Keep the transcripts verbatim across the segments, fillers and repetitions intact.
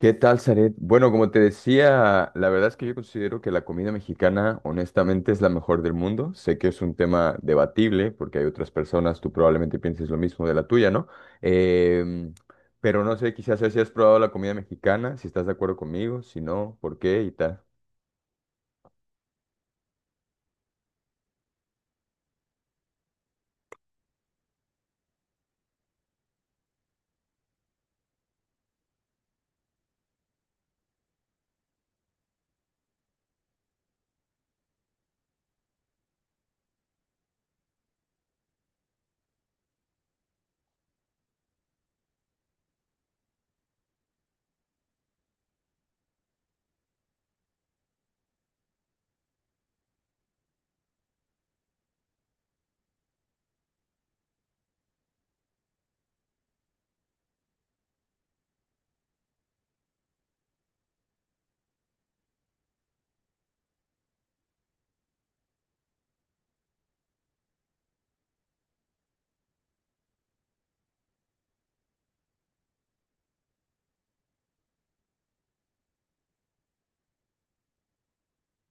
¿Qué tal, Zaret? Bueno, como te decía, la verdad es que yo considero que la comida mexicana, honestamente, es la mejor del mundo. Sé que es un tema debatible, porque hay otras personas, tú probablemente pienses lo mismo de la tuya, ¿no? Em, pero no sé, quizás si has probado la comida mexicana, si estás de acuerdo conmigo, si no, ¿por qué y tal?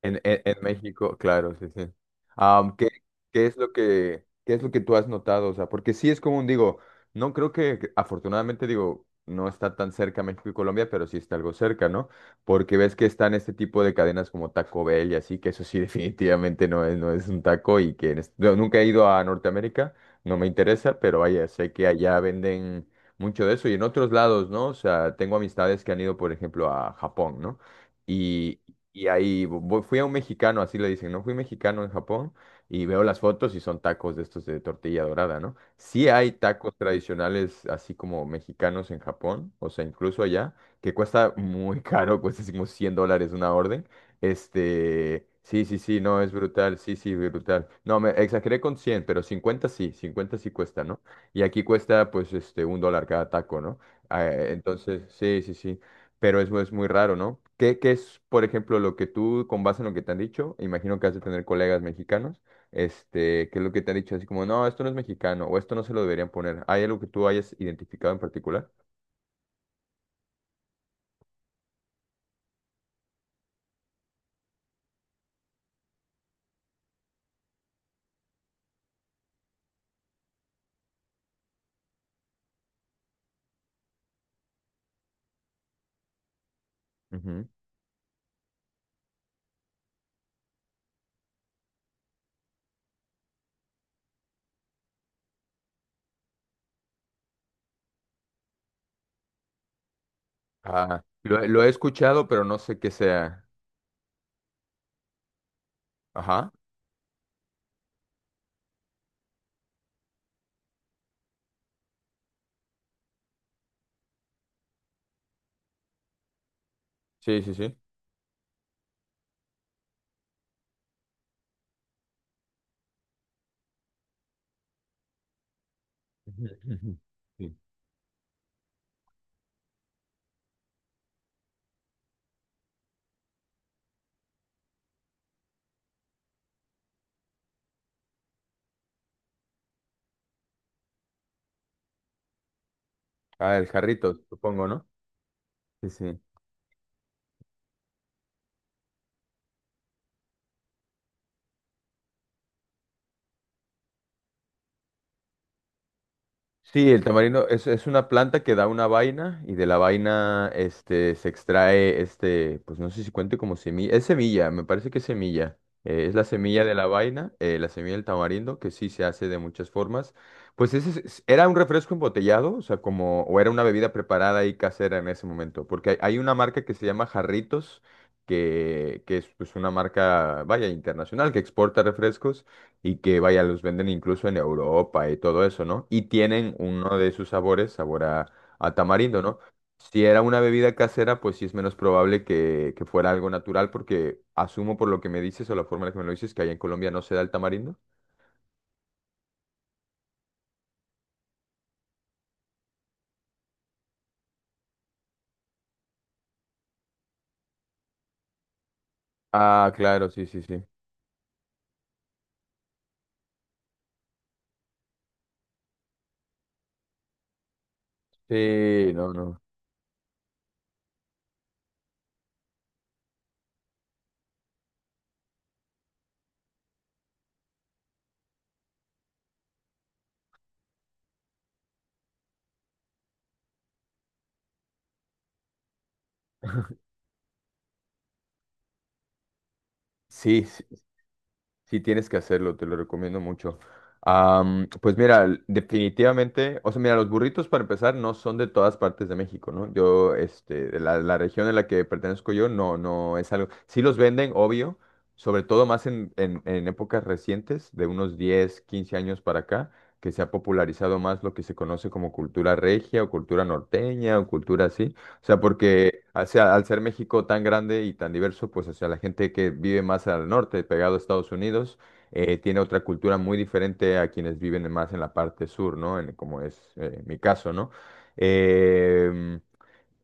En, en- en México, claro, sí, sí. Am, ¿qué, qué es lo que, qué es lo que tú has notado? O sea, porque sí es común, digo, no creo que, afortunadamente, digo, no está tan cerca México y Colombia, pero sí está algo cerca, ¿no? Porque ves que están este tipo de cadenas como Taco Bell y así, que eso sí definitivamente no es, no es un taco y que en est- no, nunca he ido a Norteamérica, no me interesa, pero vaya, sé que allá venden mucho de eso y en otros lados, ¿no? O sea, tengo amistades que han ido, por ejemplo, a Japón, ¿no? y y ahí vo- fui a un mexicano, así le dicen, ¿no? Fui mexicano en Japón y veo las fotos y son tacos de estos de tortilla dorada, ¿no? Sí hay tacos tradicionales así como mexicanos en Japón, o sea, incluso allá, que cuesta muy caro, cuesta así como cien dólares una orden. Este, sí, sí, sí, no, es brutal, sí, sí, brutal. No, me exageré con cien pero cincuenta sí, cincuenta sí cuesta, ¿no? Y aquí cuesta pues este un dólar cada taco, ¿no? Ah, entonces, sí, sí, sí. Pero eso es muy raro, ¿no? ¿Qué, qué es, por ejemplo, lo que tú, con base en lo que te han dicho, imagino que has de tener colegas mexicanos, este, qué es lo que te han dicho, así como, no, esto no es mexicano, o esto no se lo deberían poner. ¿Hay algo que tú hayas identificado en particular? Ujú. Ah, lo, he lo he escuchado, pero no sé qué sea. Ajá, sí, sí, sí. Ujú, ujú. Sí. Ah, el jarrito, supongo, ¿no? Sí, sí. Sí, el tamarindo es, es una planta que da una vaina y de la vaina este, se extrae, este, pues no sé si cuente como semilla, es semilla, me parece que es semilla, eh, es la semilla de la vaina, eh, la semilla del tamarindo, que sí se hace de muchas formas. Pues ese es- es- era un refresco embotellado, o sea, como, o era una bebida preparada y casera en ese momento, porque hay, hay una marca que se llama Jarritos, que, que es pues, una marca, vaya, internacional, que exporta refrescos y que vaya, los venden incluso en Europa y todo eso, ¿no? Y tienen uno de sus sabores, sabor a, a tamarindo, ¿no? Si era una bebida casera, pues sí es menos probable que, que fuera algo natural, porque asumo por lo que me dices o la forma en la que me lo dices que allá en Colombia no se da el tamarindo. Ah, claro, sí, sí, sí. Sí, no, no. Sí, sí. Sí, tienes que hacerlo, te lo recomiendo mucho. Am, pues mira, l- definitivamente, o sea, mira, los burritos para empezar no son de todas partes de México, ¿no? Yo, este, de la, la región en la que pertenezco yo, no, no es algo. Sí los venden, obvio, sobre todo más en, en, en épocas recientes, de unos diez quince años para acá, que se ha popularizado más lo que se conoce como cultura regia o cultura norteña o cultura así. O sea, porque o sea, al ser México tan grande y tan diverso, pues o sea, la gente que vive más al norte, pegado a Estados Unidos, eh, tiene otra cultura muy diferente a quienes viven más en la parte sur, ¿no? En- como es eh, mi caso, ¿no? Em,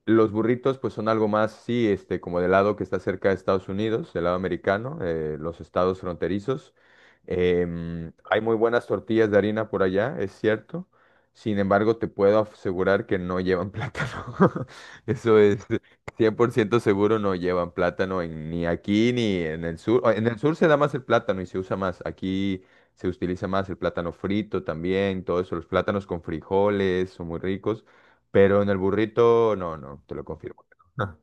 los burritos pues son algo más, sí, este, como del lado que está cerca de Estados Unidos, del lado americano, eh, los estados fronterizos. Em, hay muy buenas tortillas de harina por allá, es cierto. Sin embargo, te puedo asegurar que no llevan plátano. Eso es cien por ciento seguro, no llevan plátano en- ni aquí ni en el sur. O, en el sur se da más el plátano y se usa más. Aquí se utiliza más el plátano frito también, todo eso. Los plátanos con frijoles son muy ricos. Pero en el burrito, no, no, te lo confirmo. Que no. No.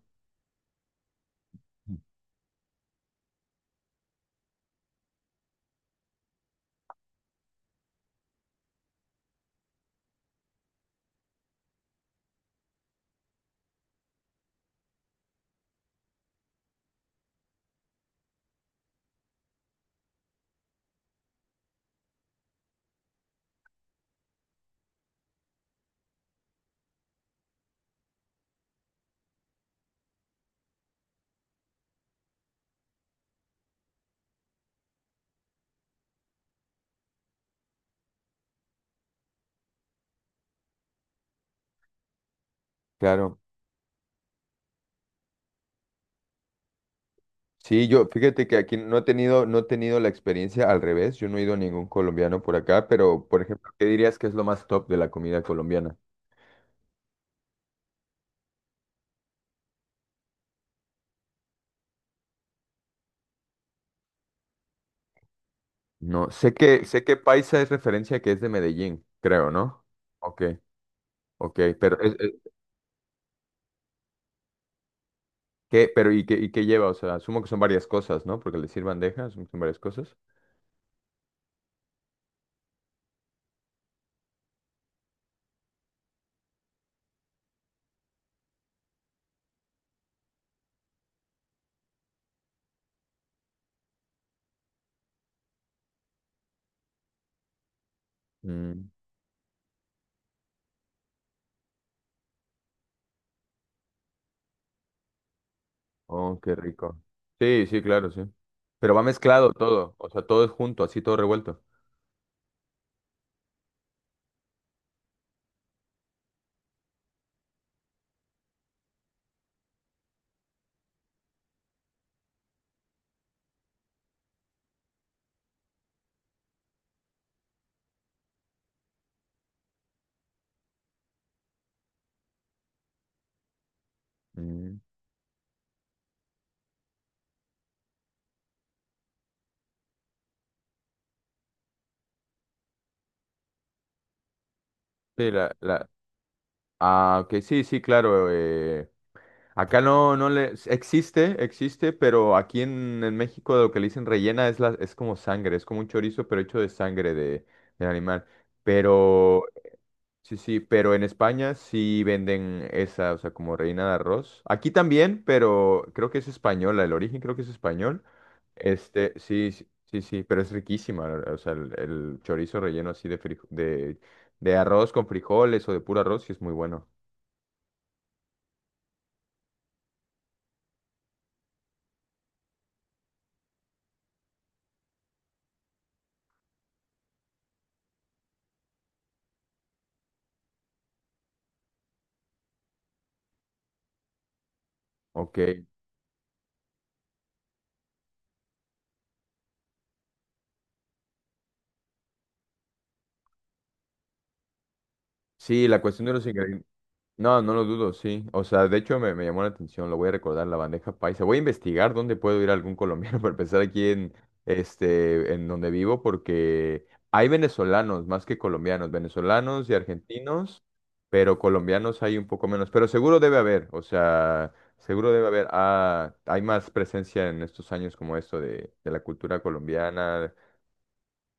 Claro. Sí, yo, fíjate que aquí no he tenido, no he tenido la experiencia al revés. Yo no he ido a ningún colombiano por acá, pero, por ejemplo, ¿qué dirías que es lo más top de la comida colombiana? No, sé que, sé que paisa es referencia que es de Medellín, creo, ¿no? Ok, ok, pero es, es- ¿qué, pero y qué, y qué lleva? O sea, asumo que son varias cosas, ¿no? Porque le sirvan bandeja, asumo que son varias cosas. Mm. Oh, qué rico. Sí, sí, claro, sí. Pero va mezclado todo, o sea, todo es junto, así todo revuelto. Mm. Sí, la, la... Ah, ok, sí, sí, claro. Eh, acá no, no le... Existe, existe, pero aquí en, en México lo que le dicen rellena es, la, es como sangre, es como un chorizo, pero hecho de sangre de, del animal. Pero, sí, sí, pero en España sí venden esa, o sea, como rellena de arroz. Aquí también, pero creo que es española, el origen creo que es español. Este, sí, sí, sí, sí, pero es riquísima, o sea, el, el chorizo relleno así de, frijo- de, de arroz con frijoles o de puro arroz, sí es muy bueno. Ok. Sí, la cuestión de los ingredientes. No, no lo dudo, sí. O sea, de hecho me, me llamó la atención, lo voy a recordar, la bandeja paisa. Voy a investigar dónde puedo ir a algún colombiano para empezar aquí en, este, en donde vivo, porque hay venezolanos más que colombianos, venezolanos y argentinos, pero colombianos hay un poco menos, pero seguro debe haber, o sea, seguro debe haber. Ah, hay más presencia en estos años como esto de, de la cultura colombiana.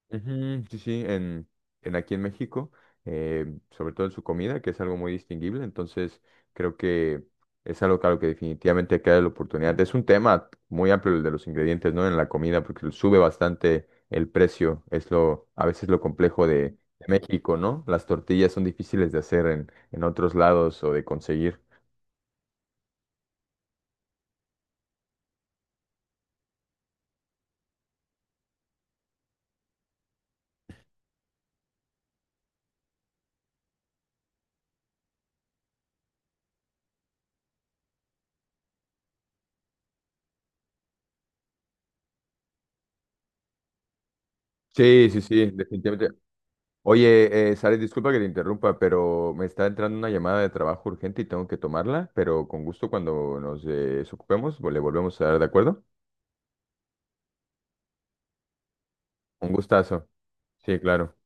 Ujú, sí, sí, en, en aquí en México, eh, sobre todo en su comida, que es algo muy distinguible, entonces creo que es algo claro que definitivamente hay que darle la oportunidad. Es un tema muy amplio el de los ingredientes, ¿no? En la comida, porque sube bastante el precio, es lo, a veces lo complejo de, de México, ¿no? Las tortillas son difíciles de hacer en, en otros lados o de conseguir. Sí, sí, sí, definitivamente. Oye, eh, Sara, disculpa que te interrumpa, pero me está entrando una llamada de trabajo urgente y tengo que tomarla, pero con gusto cuando nos eh, desocupemos, vol- le volvemos a dar, ¿de acuerdo? Un gustazo. Sí, claro.